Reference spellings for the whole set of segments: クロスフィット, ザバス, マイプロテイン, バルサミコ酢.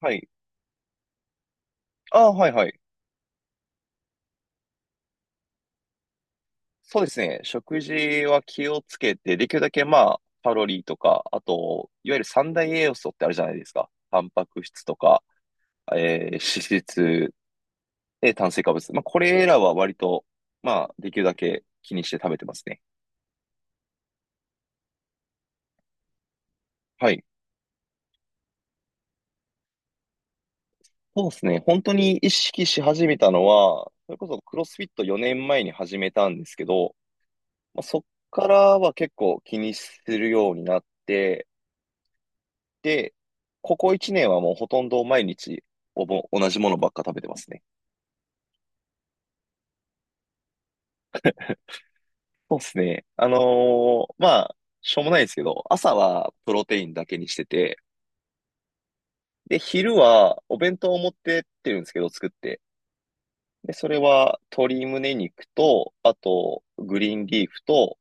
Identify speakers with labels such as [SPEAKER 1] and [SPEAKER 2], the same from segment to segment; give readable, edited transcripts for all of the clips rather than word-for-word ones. [SPEAKER 1] はい。あーはいはい。そうですね。食事は気をつけて、できるだけまあ、カロリーとか、あと、いわゆる三大栄養素ってあるじゃないですか。タンパク質とか、脂質、で、炭水化物。まあ、これらは割と、まあ、できるだけ気にして食べてますね。はい。そうですね。本当に意識し始めたのは、それこそクロスフィット4年前に始めたんですけど、まあ、そっからは結構気にするようになって、で、ここ1年はもうほとんど毎日同じものばっか食べてますね。そうですね。まあ、しょうもないですけど、朝はプロテインだけにしてて、で、昼はお弁当を持ってってるんですけど、作って。で、それは鶏胸肉と、あと、グリーンリーフと、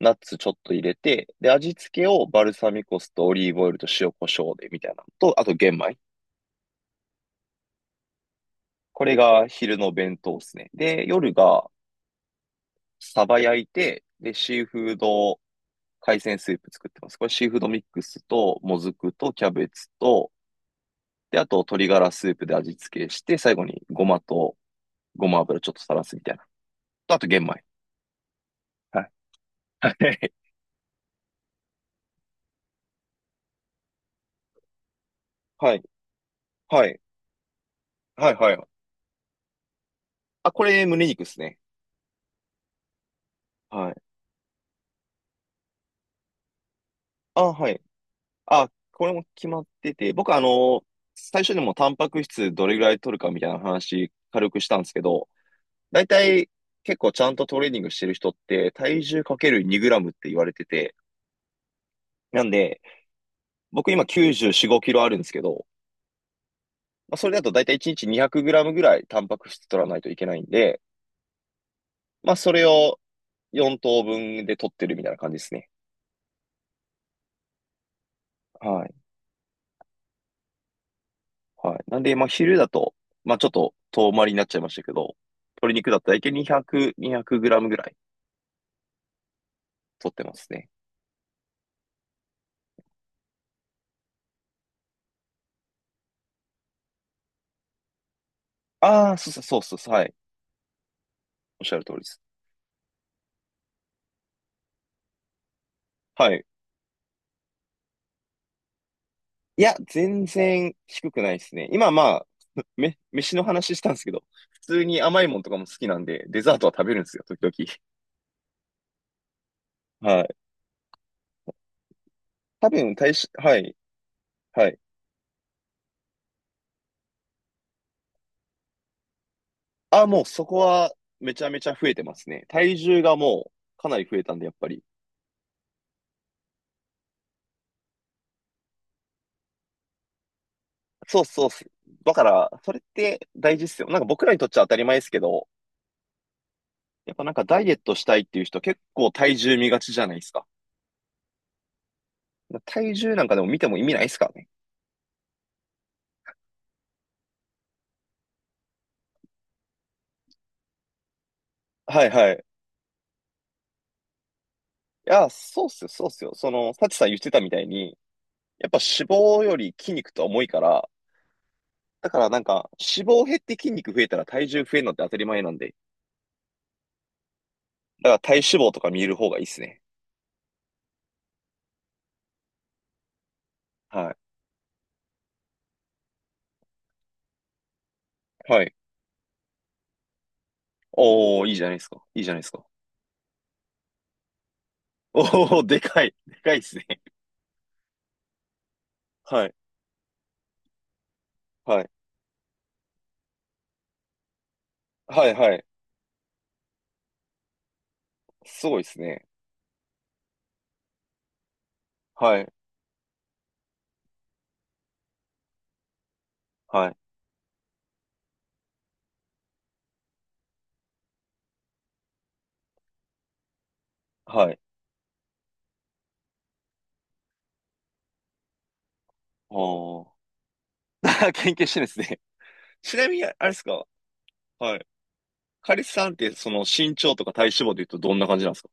[SPEAKER 1] ナッツちょっと入れて、で、味付けをバルサミコ酢とオリーブオイルと塩コショウでみたいなのと、あと玄米。これが昼の弁当ですね。で、夜がサバ焼いて、で、シーフード海鮮スープ作ってます。これシーフードミックスと、もずくと、キャベツと、で、あと鶏ガラスープで味付けして、最後にごまと、ごま油ちょっとさらすみたいな。とあと玄米。はい。はい。はい。はい。はい。はいあ、これ胸肉ですね。はい。あ、はい。あ、これも決まってて、僕あの、最初にもタンパク質どれぐらい取るかみたいな話軽くしたんですけど、大体結構ちゃんとトレーニングしてる人って体重かける2グラムって言われてて、なんで、僕今94、5キロあるんですけど、まあ、それだと大体1日200グラムぐらいタンパク質取らないといけないんで、まあそれを4等分で取ってるみたいな感じですね。はい。はい。なんで、まあ昼だと、まあちょっと遠回りになっちゃいましたけど、鶏肉だと大体200、200グラムぐらい取ってますね。ああ、そうそうそうそう、はい。おっしゃる通りです。はい。いや、全然低くないですね。今まあ、飯の話したんですけど、普通に甘いもんとかも好きなんで、デザートは食べるんですよ、時々。はい。多分、はい、はい。あ、もうそこはめちゃめちゃ増えてますね。体重がもうかなり増えたんで、やっぱり。そうそうっす。だから、それって大事っすよ。なんか僕らにとっちゃ当たり前ですけど、やっぱなんかダイエットしたいっていう人結構体重見がちじゃないですか。体重なんかでも見ても意味ないですからね。はいはい。いや、そうっすよ、そうっすよ。その、サチさん言ってたみたいに、やっぱ脂肪より筋肉とは重いから、だからなんか、脂肪減って筋肉増えたら体重増えるのって当たり前なんで、だから体脂肪とか見える方がいいっすね。はい。はい。おー、いいじゃないですか。いいじゃないですか。おー、でかい。でかいっすね。はい。はい。はい、はい。すごいっすね。はい。はい。はい。おー。研究してるんですね。ちなみに、あれですか。はい。カリスさんって、その身長とか体脂肪で言うとどんな感じなんですか。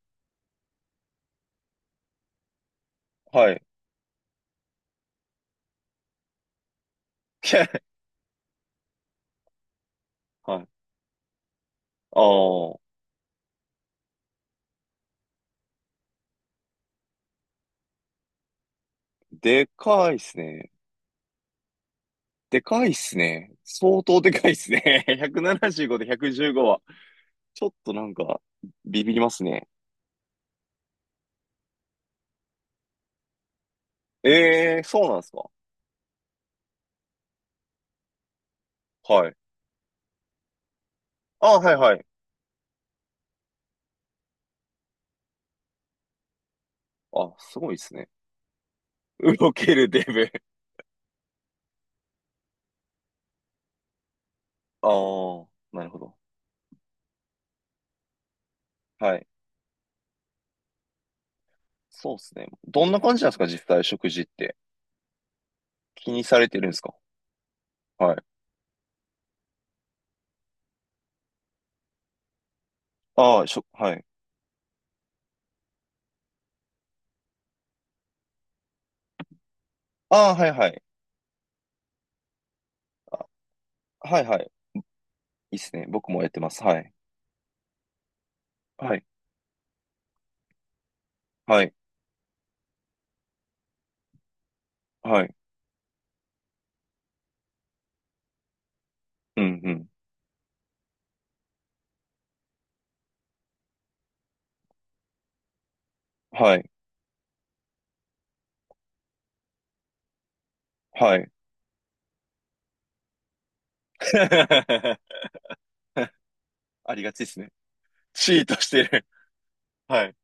[SPEAKER 1] はい。はい。ああ、でかいっすね。でかいっすね。相当でかいっすね。175で115は、ちょっとなんか、ビビりますね。ええー、そうなんですか。はい。あ、はいはい。あ、すごいっすね。動けるデブ。ああ、なるほど。はい。そうっすね。どんな感じなんですか、実際食事って。気にされてるんですか。はい。ああ、しょ、はい。ああ、はいはい。あ、はいはい。いいっすね。僕もやってます。はい。はい。はい。はい。うんうん。はい。はい。ありがちですね。チートしてる。はい。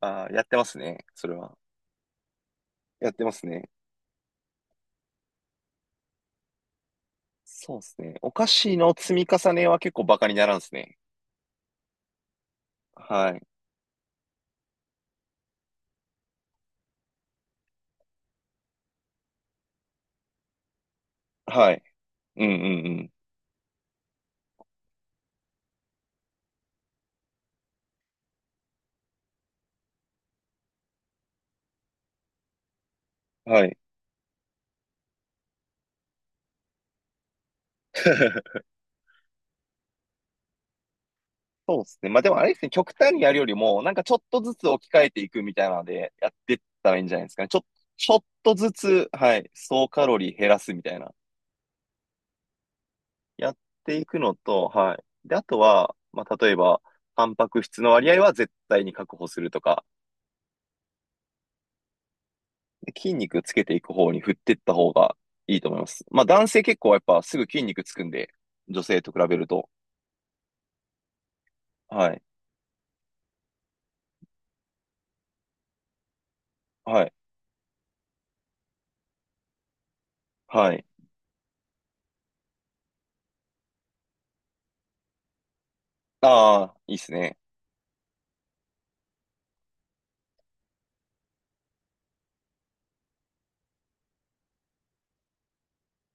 [SPEAKER 1] ああ、やってますね。それは。やってますね。そうですね。お菓子の積み重ねは結構バカにならんですね。はい。はい。うんうんうん。はい。そうですね。まあでもあれですね、極端にやるよりも、なんかちょっとずつ置き換えていくみたいなので、やってったらいいんじゃないですかね。ちょっとずつ、はい、総カロリー減らすみたいな。やっていくのと、はい。で、あとは、まあ、例えば、タンパク質の割合は絶対に確保するとか、で筋肉つけていく方に振っていった方がいいと思います。まあ、男性結構やっぱすぐ筋肉つくんで、女性と比べると。はい。はい。はい。ああ、いいですね。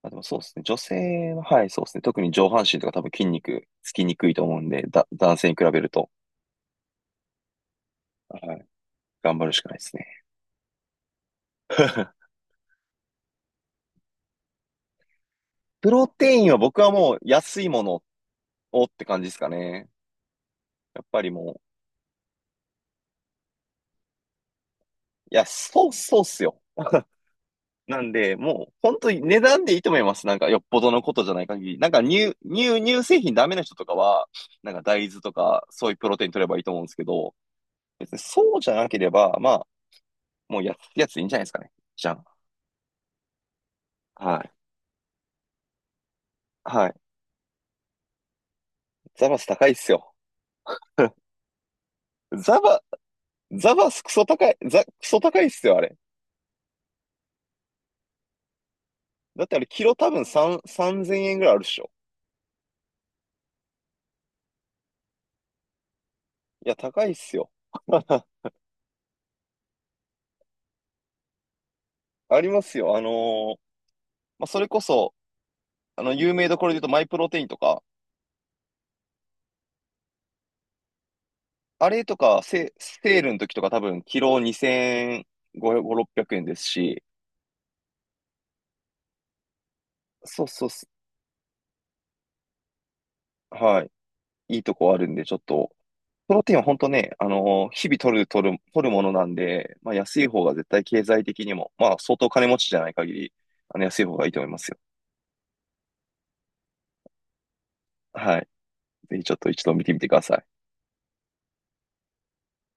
[SPEAKER 1] あ、でもそうですね。女性は、はい、そうですね。特に上半身とか多分筋肉つきにくいと思うんで、だ、男性に比べると、はい、頑張るしかないですね。プロテインは僕はもう安いものをって感じですかね。やっぱりもういや、そう、そうっすよ。なんで、もう、本当に値段でいいと思います。なんか、よっぽどのことじゃない限り。なんか、乳製品ダメな人とかは、なんか、大豆とか、そういうプロテイン取ればいいと思うんですけど、別にそうじゃなければ、まあ、もう安いやついいんじゃないですかね。じゃん。はい。はい。ザバス高いっすよ。ザバ、ザバスクソ高い、クソ高いっすよ、あれ。だってあれ、キロ多分3、3000円ぐらいあるっしょ。いや、高いっすよ。ありますよ。ーまあ、それこそ、あの、有名どころで言うと、マイプロテインとか、あれとか、セールの時とか多分、キロ2500、600円ですし、そうそうす、はい。いいとこあるんで、ちょっと、プロテインは本当ね、日々取るものなんで、まあ、安い方が絶対経済的にも、まあ、相当金持ちじゃない限り、あの、安い方がいいと思いますよ。はい。ぜひちょっと一度見てみてください。